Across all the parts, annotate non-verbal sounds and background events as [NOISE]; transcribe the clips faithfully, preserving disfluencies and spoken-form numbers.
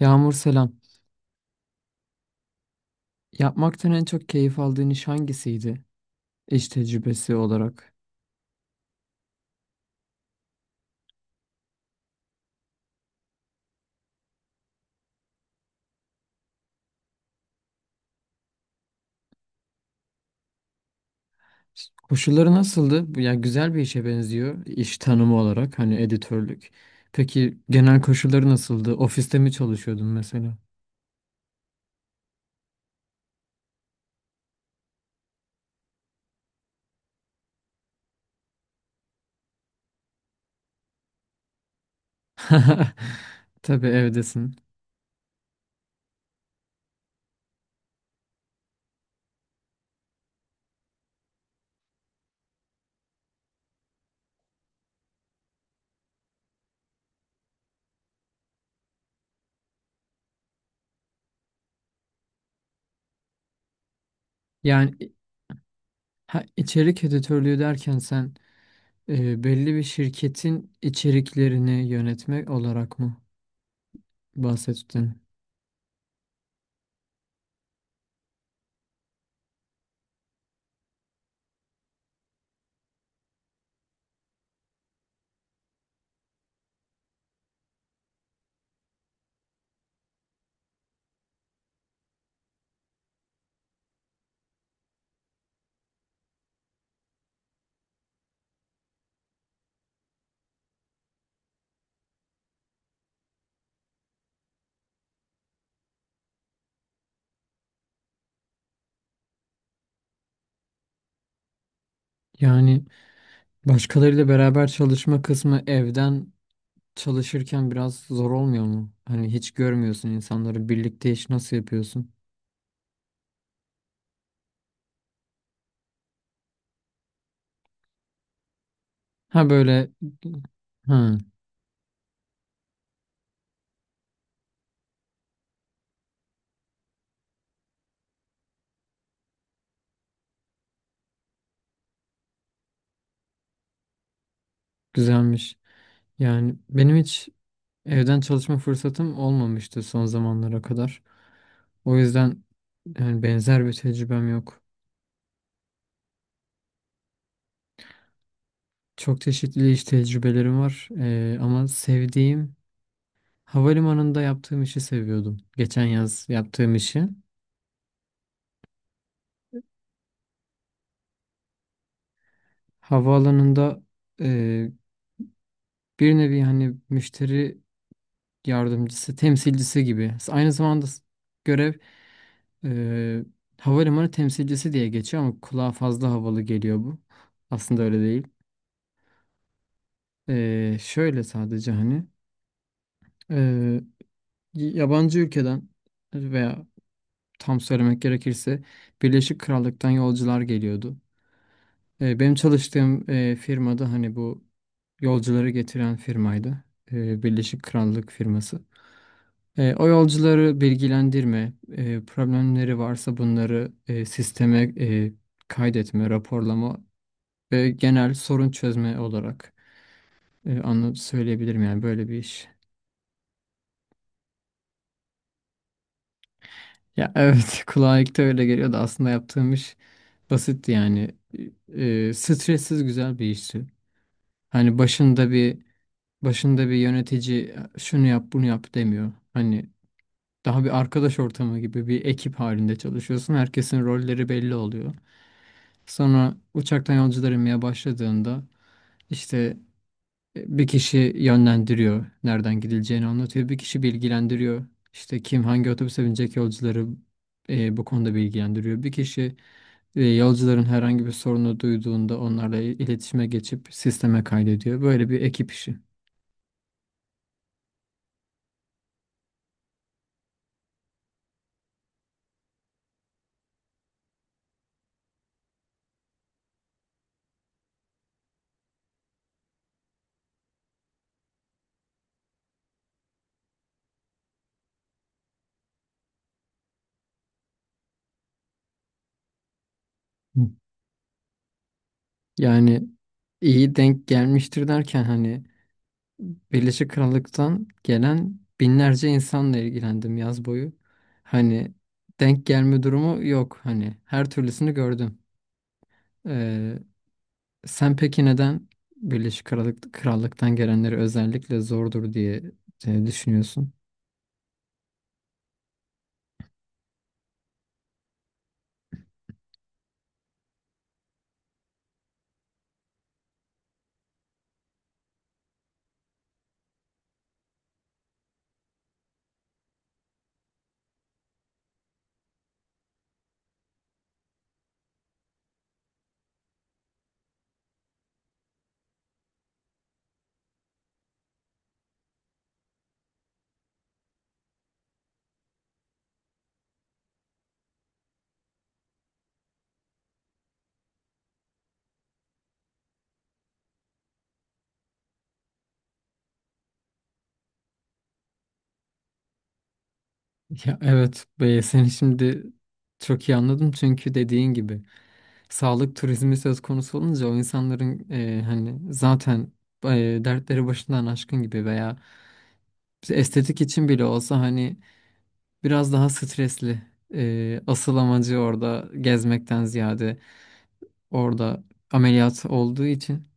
Yağmur selam. Yapmaktan en çok keyif aldığın iş hangisiydi? İş tecrübesi olarak. Koşulları nasıldı? Bu- Yani güzel bir işe benziyor iş tanımı olarak hani editörlük. Peki genel koşulları nasıldı? Ofiste mi çalışıyordun mesela? [LAUGHS] Tabii evdesin. Yani i- ha, içerik editörlüğü derken sen e, belli bir şirketin içeriklerini yönetmek olarak mı bahsettin? Yani başkalarıyla beraber çalışma kısmı evden çalışırken biraz zor olmuyor mu? Hani hiç görmüyorsun insanları, birlikte iş nasıl yapıyorsun? Ha, böyle. Ha. Güzelmiş. Yani benim hiç evden çalışma fırsatım olmamıştı son zamanlara kadar. O yüzden yani benzer bir tecrübem yok. Çok çeşitli iş tecrübelerim var. Ee, ama sevdiğim, havalimanında yaptığım işi seviyordum. Geçen yaz yaptığım işi. Havaalanında e, bir nevi hani müşteri yardımcısı, temsilcisi gibi. Aynı zamanda s- görev e, havalimanı temsilcisi diye geçiyor ama kulağa fazla havalı geliyor bu. Aslında öyle değil. E, şöyle, sadece hani e, yabancı ülkeden veya tam söylemek gerekirse Birleşik Krallık'tan yolcular geliyordu. E, benim çalıştığım e, firmada hani bu yolcuları getiren firmaydı. E, Birleşik Krallık firması. E, o yolcuları bilgilendirme, e, problemleri varsa bunları e, sisteme e, kaydetme, raporlama ve genel sorun çözme olarak e, anla- söyleyebilirim yani, böyle bir iş. Ya evet, [LAUGHS] kulağa ilk de öyle geliyordu, aslında yaptığım iş basitti yani. E, stressiz, güzel bir işti. Hani başında bir başında bir yönetici şunu yap bunu yap demiyor. Hani daha bir arkadaş ortamı gibi, bir ekip halinde çalışıyorsun. Herkesin rolleri belli oluyor. Sonra uçaktan yolcular inmeye başladığında işte e, bir kişi yönlendiriyor, nereden gidileceğini anlatıyor. Bir kişi bilgilendiriyor. İşte kim hangi otobüse binecek yolcuları e, bu konuda bilgilendiriyor. Bir kişi e, yolcuların herhangi bir sorunu duyduğunda onlarla il- iletişime geçip sisteme kaydediyor. Böyle bir ekip işi. Hı. Yani, iyi denk gelmiştir derken hani, Birleşik Krallık'tan gelen binlerce insanla ilgilendim yaz boyu. Hani denk gelme durumu yok. Hani her türlüsünü gördüm. Ee, Sen peki neden Birleşik Krallık, Krallık'tan gelenleri özellikle zordur diye e, düşünüyorsun? Ya evet, be, seni şimdi çok iyi anladım, çünkü dediğin gibi sağlık turizmi söz konusu olunca o insanların e, hani zaten e, dertleri başından aşkın gibi, veya işte estetik için bile olsa hani, biraz daha stresli. Ee, asıl amacı orada gezmekten ziyade orada ameliyat olduğu için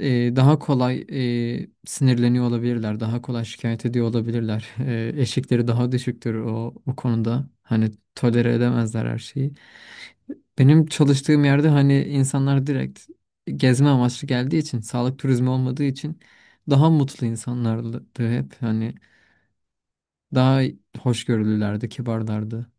e, daha kolay e, sinirleniyor olabilirler. Daha kolay şikayet ediyor olabilirler. [LAUGHS] E, eşikleri daha düşüktür o, o konuda. Hani tolere edemezler her şeyi. Benim çalıştığım yerde hani insanlar direkt gezme amaçlı geldiği için, sağlık turizmi olmadığı için, daha mutlu insanlardı hep. Hani daha hoşgörülülerdi, kibarlardı.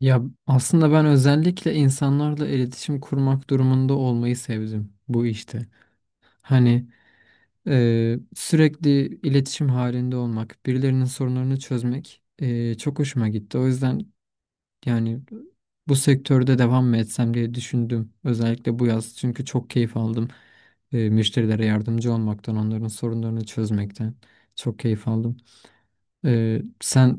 Ya aslında ben özellikle insanlarla iletişim kurmak durumunda olmayı sevdim bu işte. Hani e, sürekli iletişim halinde olmak, birilerinin sorunlarını çözmek e, çok hoşuma gitti. O yüzden yani, bu sektörde devam mı etsem diye düşündüm. Özellikle bu yaz, çünkü çok keyif aldım. E, müşterilere yardımcı olmaktan, onların sorunlarını çözmekten çok keyif aldım. Ee, sen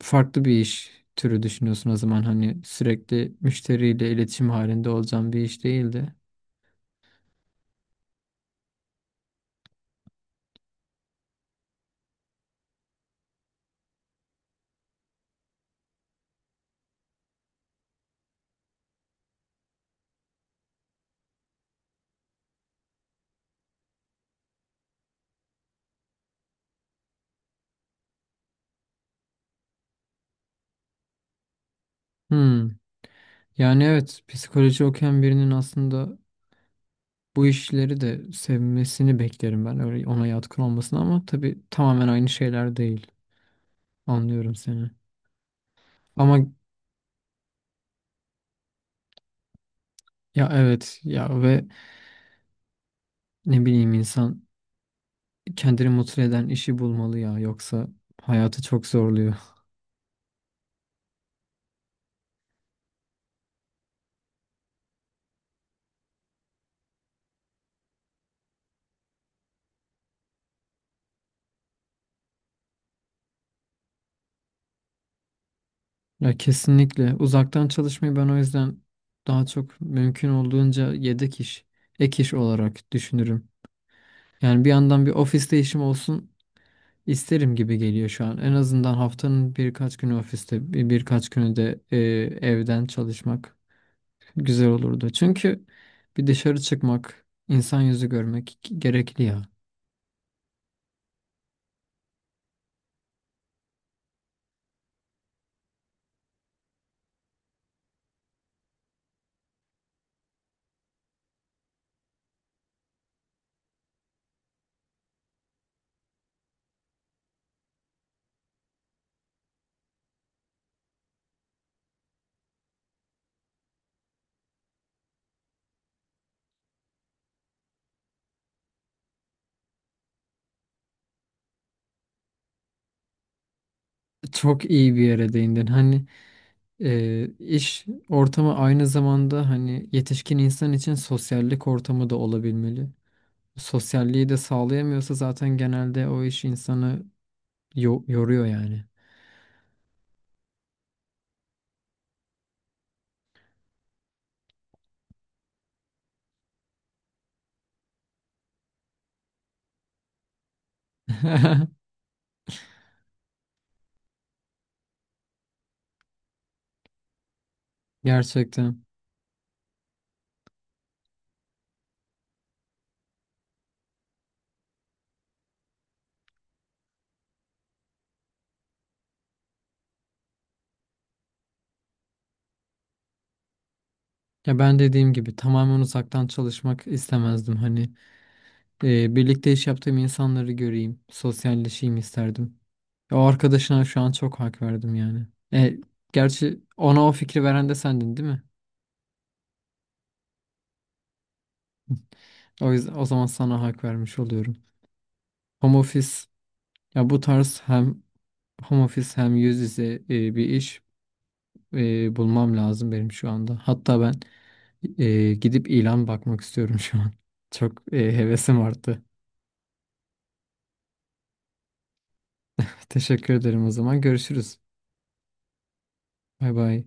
farklı bir iş türü düşünüyorsun o zaman, hani sürekli müşteriyle iletişim halinde olacağın bir iş değildi. Hmm. Yani evet, psikoloji okuyan birinin aslında bu işleri de sevmesini beklerim ben, öyle ona yatkın olmasını, ama tabii tamamen aynı şeyler değil. Anlıyorum seni. Ama ya evet, ya, ve ne bileyim, insan kendini mutlu eden işi bulmalı ya, yoksa hayatı çok zorluyor. Ya kesinlikle, uzaktan çalışmayı ben o yüzden daha çok mümkün olduğunca yedek iş, ek iş olarak düşünürüm. Yani bir yandan bir ofiste işim olsun isterim gibi geliyor şu an. En azından haftanın birkaç günü ofiste, bir- birkaç günü de e, evden çalışmak güzel olurdu. Çünkü bir dışarı çıkmak, insan yüzü görmek gerekli ya. Çok iyi bir yere değindin. Hani e, iş ortamı aynı zamanda hani yetişkin insan için sosyallik ortamı da olabilmeli. Sosyalliği de sağlayamıyorsa zaten genelde o iş insanı yo- yoruyor yani. [LAUGHS] Gerçekten. Ya ben dediğim gibi tamamen uzaktan çalışmak istemezdim hani. Ee, birlikte iş yaptığım insanları göreyim, sosyalleşeyim isterdim. Ya o arkadaşına şu an çok hak verdim yani. E, Gerçi ona o fikri veren de sendin değil mi? O yüzden o zaman sana hak vermiş oluyorum. Home office, ya bu tarz, hem home office hem yüz yüze e, bir iş e, bulmam lazım benim şu anda. Hatta ben e, gidip ilan bakmak istiyorum şu an. [LAUGHS] Çok e, hevesim arttı. Teşekkür ederim o zaman. Görüşürüz. Bay bay.